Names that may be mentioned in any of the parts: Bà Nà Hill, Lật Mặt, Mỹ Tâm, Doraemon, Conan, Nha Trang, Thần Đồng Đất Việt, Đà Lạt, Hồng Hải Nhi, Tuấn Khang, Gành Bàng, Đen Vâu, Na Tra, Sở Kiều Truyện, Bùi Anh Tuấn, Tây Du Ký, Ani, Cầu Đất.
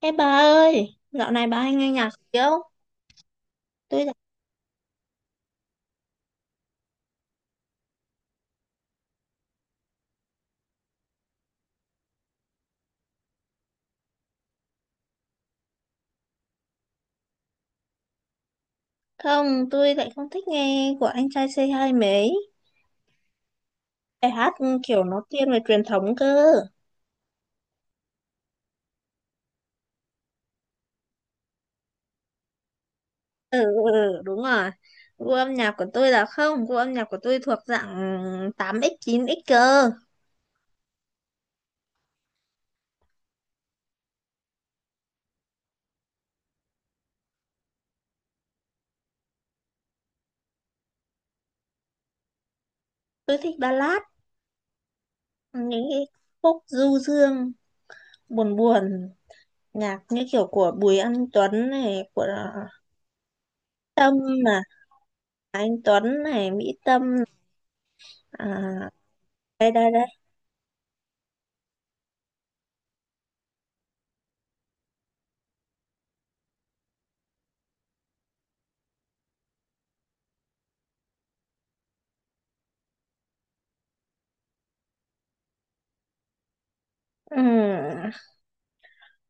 Ê bà ơi, dạo này bà hay nghe nhạc gì không? Tôi lại tôi lại không thích nghe của anh trai c hai mấy. Bài hát kiểu nó thiên về truyền thống cơ. Ừ, ừ, ừ, đúng rồi. Gu âm nhạc của tôi là không, gu âm nhạc của tôi thuộc dạng 8x, 9x cơ. Tôi thích ballad, những cái khúc du dương, buồn buồn, nhạc như kiểu của Bùi Anh Tuấn này, của Tâm mà, anh Tuấn này, Mỹ Tâm, à, đây đây đây. Ừ.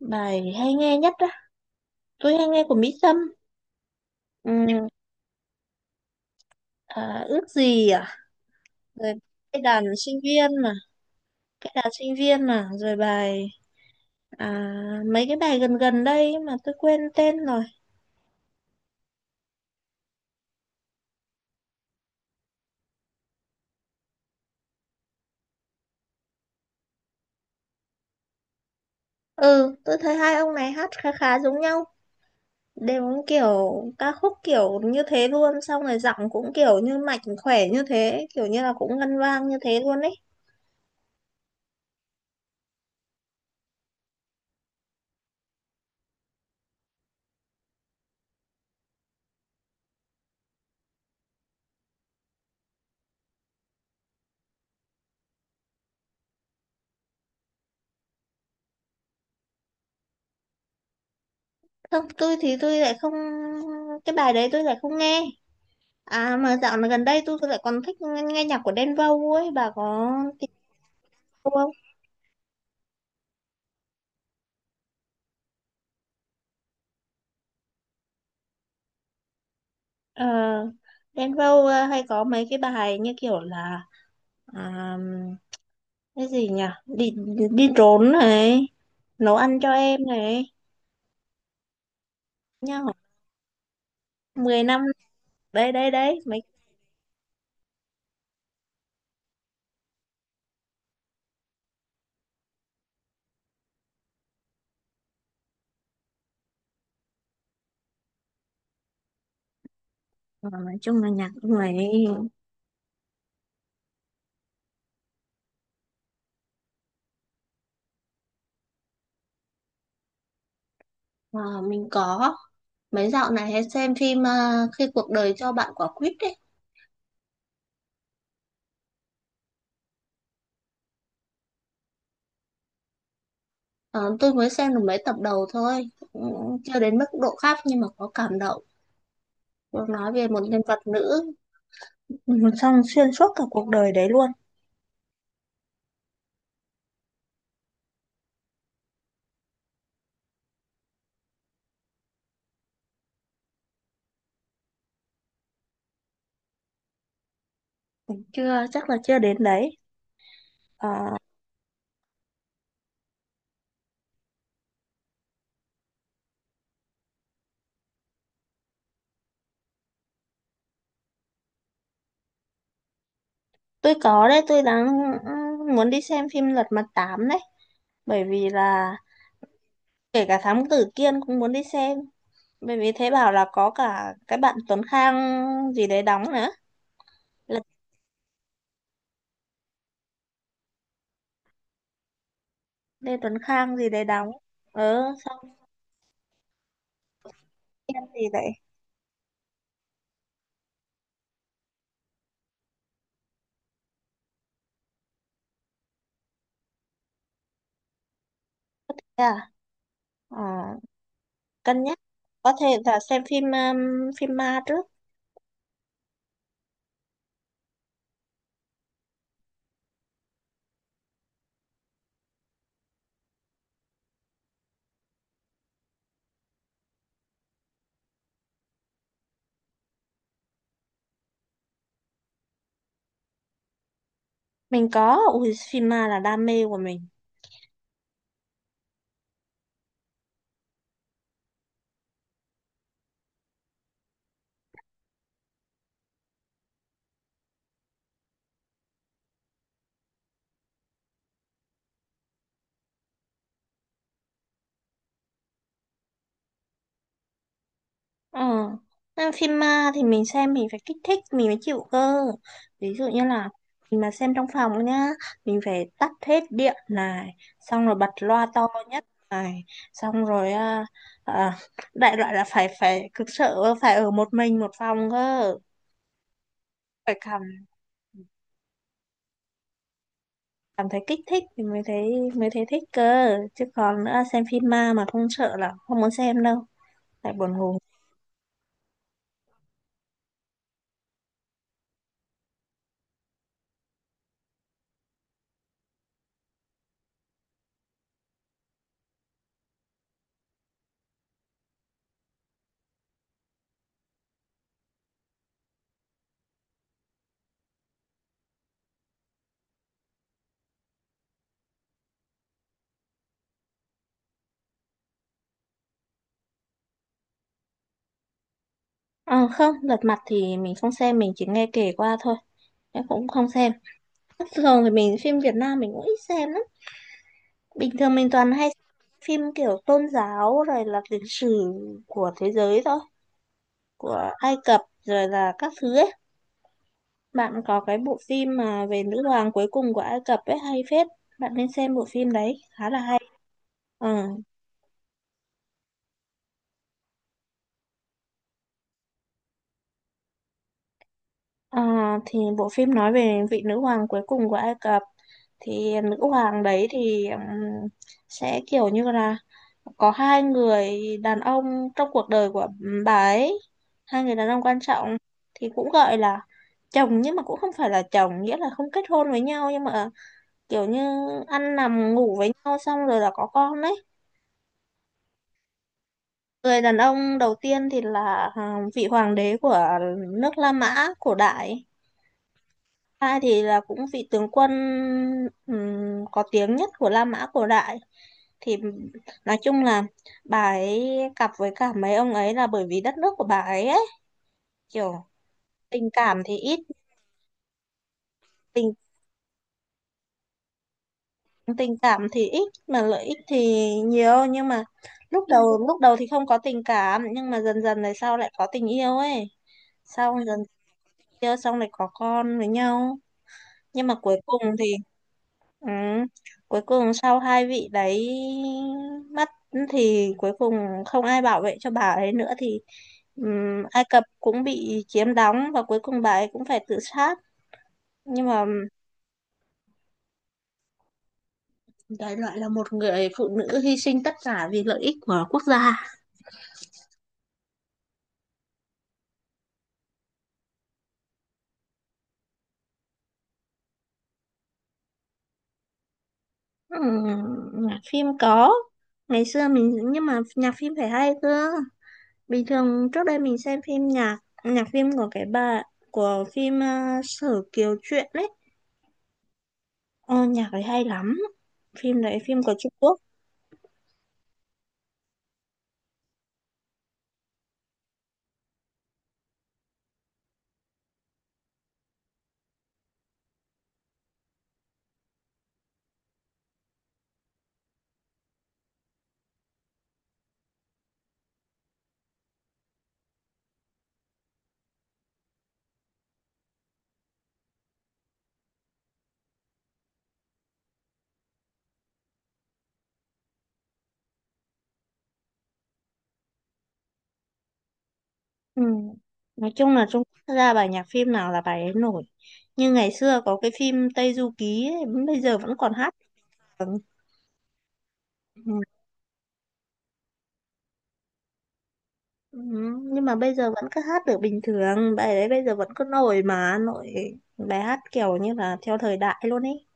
Bài hay nghe nhất á, tôi hay nghe của Mỹ Tâm. Ừ, ước gì rồi cái đàn sinh viên mà, cái đàn sinh viên mà, rồi bài à, mấy cái bài gần gần đây mà tôi quên tên rồi. Ừ, tôi thấy hai ông này hát khá khá giống nhau, đều kiểu ca khúc kiểu như thế luôn, xong rồi giọng cũng kiểu như mạnh khỏe như thế, kiểu như là cũng ngân vang như thế luôn ấy. Không, tôi lại không, cái bài đấy tôi lại không nghe. À mà dạo này gần đây tôi lại còn thích nghe, nghe nhạc của Đen Vâu ấy, bà có tìm Vâu không? Ờ, Đen Vâu hay có mấy cái bài như kiểu là à, cái gì nhỉ? Đi đi trốn này, nấu ăn cho em này, nhá. Mười năm đấy đấy đấy, mấy. Ờ, nói chung là nhạc của người ấy. Ờ, mình có mấy dạo này hay xem phim khi cuộc đời cho bạn quả quýt đấy. Ờ, tôi mới xem được mấy tập đầu thôi, cũng chưa đến mức độ khác nhưng mà có cảm động. Được nói về một nhân vật nữ xong xuyên suốt cả cuộc đời đấy luôn. Chưa chắc là chưa đến đấy. à, tôi có đấy, tôi đang muốn đi xem phim Lật Mặt 8 đấy, bởi vì là kể cả Thám Tử Kiên cũng muốn đi xem, bởi vì thế bảo là có cả cái bạn Tuấn Khang gì đấy đóng nữa. Lật Lê Tuấn Khang gì đấy đóng. Ờ, xong Kiên gì đấy. Thế à, Ờ, cân nhắc có thể là xem phim phim ma trước. Mình có, ui phim ma là đam mê của mình. Ờ, xem phim ma thì mình xem mình phải kích thích mình mới chịu cơ. Ví dụ như là mình mà xem trong phòng nhá, mình phải tắt hết điện này, xong rồi bật loa to nhất này, xong rồi à, đại loại là phải phải cực sợ phải ở một mình một phòng cơ, phải cảm cảm thấy kích thích thì mới thấy, mới thấy thích cơ. Chứ còn nữa xem phim ma mà không sợ là không muốn xem đâu, tại buồn ngủ. Ờ, không, lật mặt thì mình không xem, mình chỉ nghe kể qua thôi, em cũng không xem. Thường thì mình phim Việt Nam mình cũng ít xem lắm, bình thường mình toàn hay phim kiểu tôn giáo rồi là lịch sử của thế giới thôi, của Ai Cập rồi là các thứ ấy. Bạn có cái bộ phim mà về nữ hoàng cuối cùng của Ai Cập ấy hay phết, bạn nên xem bộ phim đấy khá là hay. Ừ. À, thì bộ phim nói về vị nữ hoàng cuối cùng của Ai Cập, thì nữ hoàng đấy thì sẽ kiểu như là có hai người đàn ông trong cuộc đời của bà ấy, hai người đàn ông quan trọng, thì cũng gọi là chồng nhưng mà cũng không phải là chồng, nghĩa là không kết hôn với nhau nhưng mà kiểu như ăn nằm ngủ với nhau xong rồi là có con đấy. Người đàn ông đầu tiên thì là vị hoàng đế của nước La Mã cổ đại. Ai thì là cũng vị tướng quân, có tiếng nhất của La Mã cổ đại. Thì nói chung là bà ấy cặp với cả mấy ông ấy là bởi vì đất nước của bà ấy ấy, kiểu tình cảm thì ít, tình tình cảm thì ít mà lợi ích thì nhiều, nhưng mà lúc đầu thì không có tình cảm nhưng mà dần dần này sau lại có tình yêu ấy, sau dần yêu xong lại có con với nhau, nhưng mà cuối cùng thì Ừ. Cuối cùng sau hai vị đấy mất thì cuối cùng không ai bảo vệ cho bà ấy nữa thì Ai Cập cũng bị chiếm đóng và cuối cùng bà ấy cũng phải tự sát. Nhưng mà đấy lại là một người phụ nữ hy sinh tất cả vì lợi ích của quốc gia. Ừm, nhạc phim có. Ngày xưa mình nhưng mà nhạc phim phải hay cơ. Bình thường trước đây mình xem phim nhạc, nhạc phim của cái bà của phim Sở Kiều Truyện ấy. Ờ, nhạc ấy hay lắm, phim đấy phim của Trung Quốc. Ừ, nói chung là Trung Quốc ra bài nhạc phim nào là bài ấy nổi, như ngày xưa có cái phim Tây Du Ký ấy, bây giờ vẫn còn hát được. Ừ. Ừ. Nhưng mà bây giờ vẫn cứ hát được bình thường, bài đấy bây giờ vẫn cứ nổi mà nổi, bài hát kiểu như là theo thời đại luôn ấy.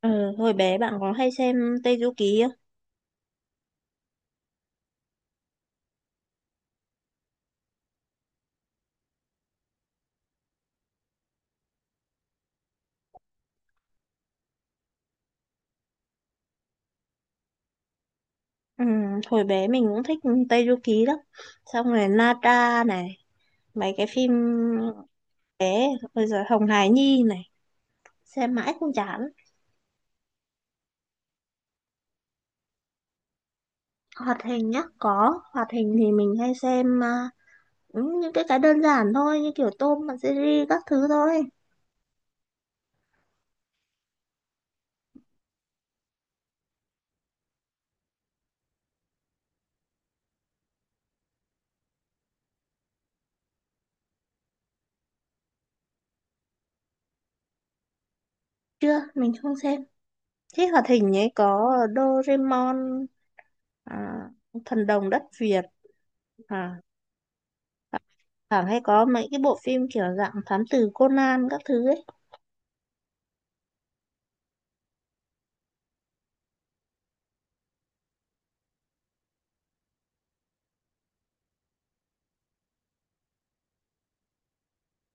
Ừ. Hồi bé bạn có hay xem Tây Du Ký không? Ừ, hồi bé mình cũng thích Tây Du Ký lắm, xong rồi Na Tra này, mấy cái phim. Thế, bây giờ Hồng Hải Nhi này, xem mãi không chán. Hoạt hình nhá, có. Hoạt hình thì mình hay xem những cái đơn giản thôi, như kiểu tôm, mặt series các thứ thôi. Chưa, mình không xem. Thế hoạt hình ấy có Doraemon, à, Thần Đồng Đất Việt, à, thẳng hay có mấy cái bộ phim kiểu dạng thám tử Conan các thứ ấy.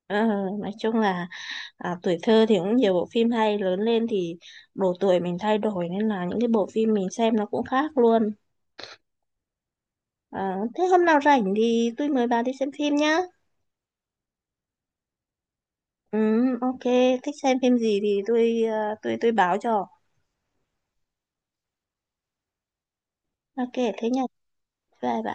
Ờ, nói chung là tuổi thơ thì cũng nhiều bộ phim hay, lớn lên thì độ tuổi mình thay đổi nên là những cái bộ phim mình xem nó cũng khác luôn. À, thế hôm nào rảnh thì tôi mời bà đi xem phim nhá. Ừ, ok, thích xem phim gì thì tôi tôi báo cho. Ok, thế nha. Bye bye.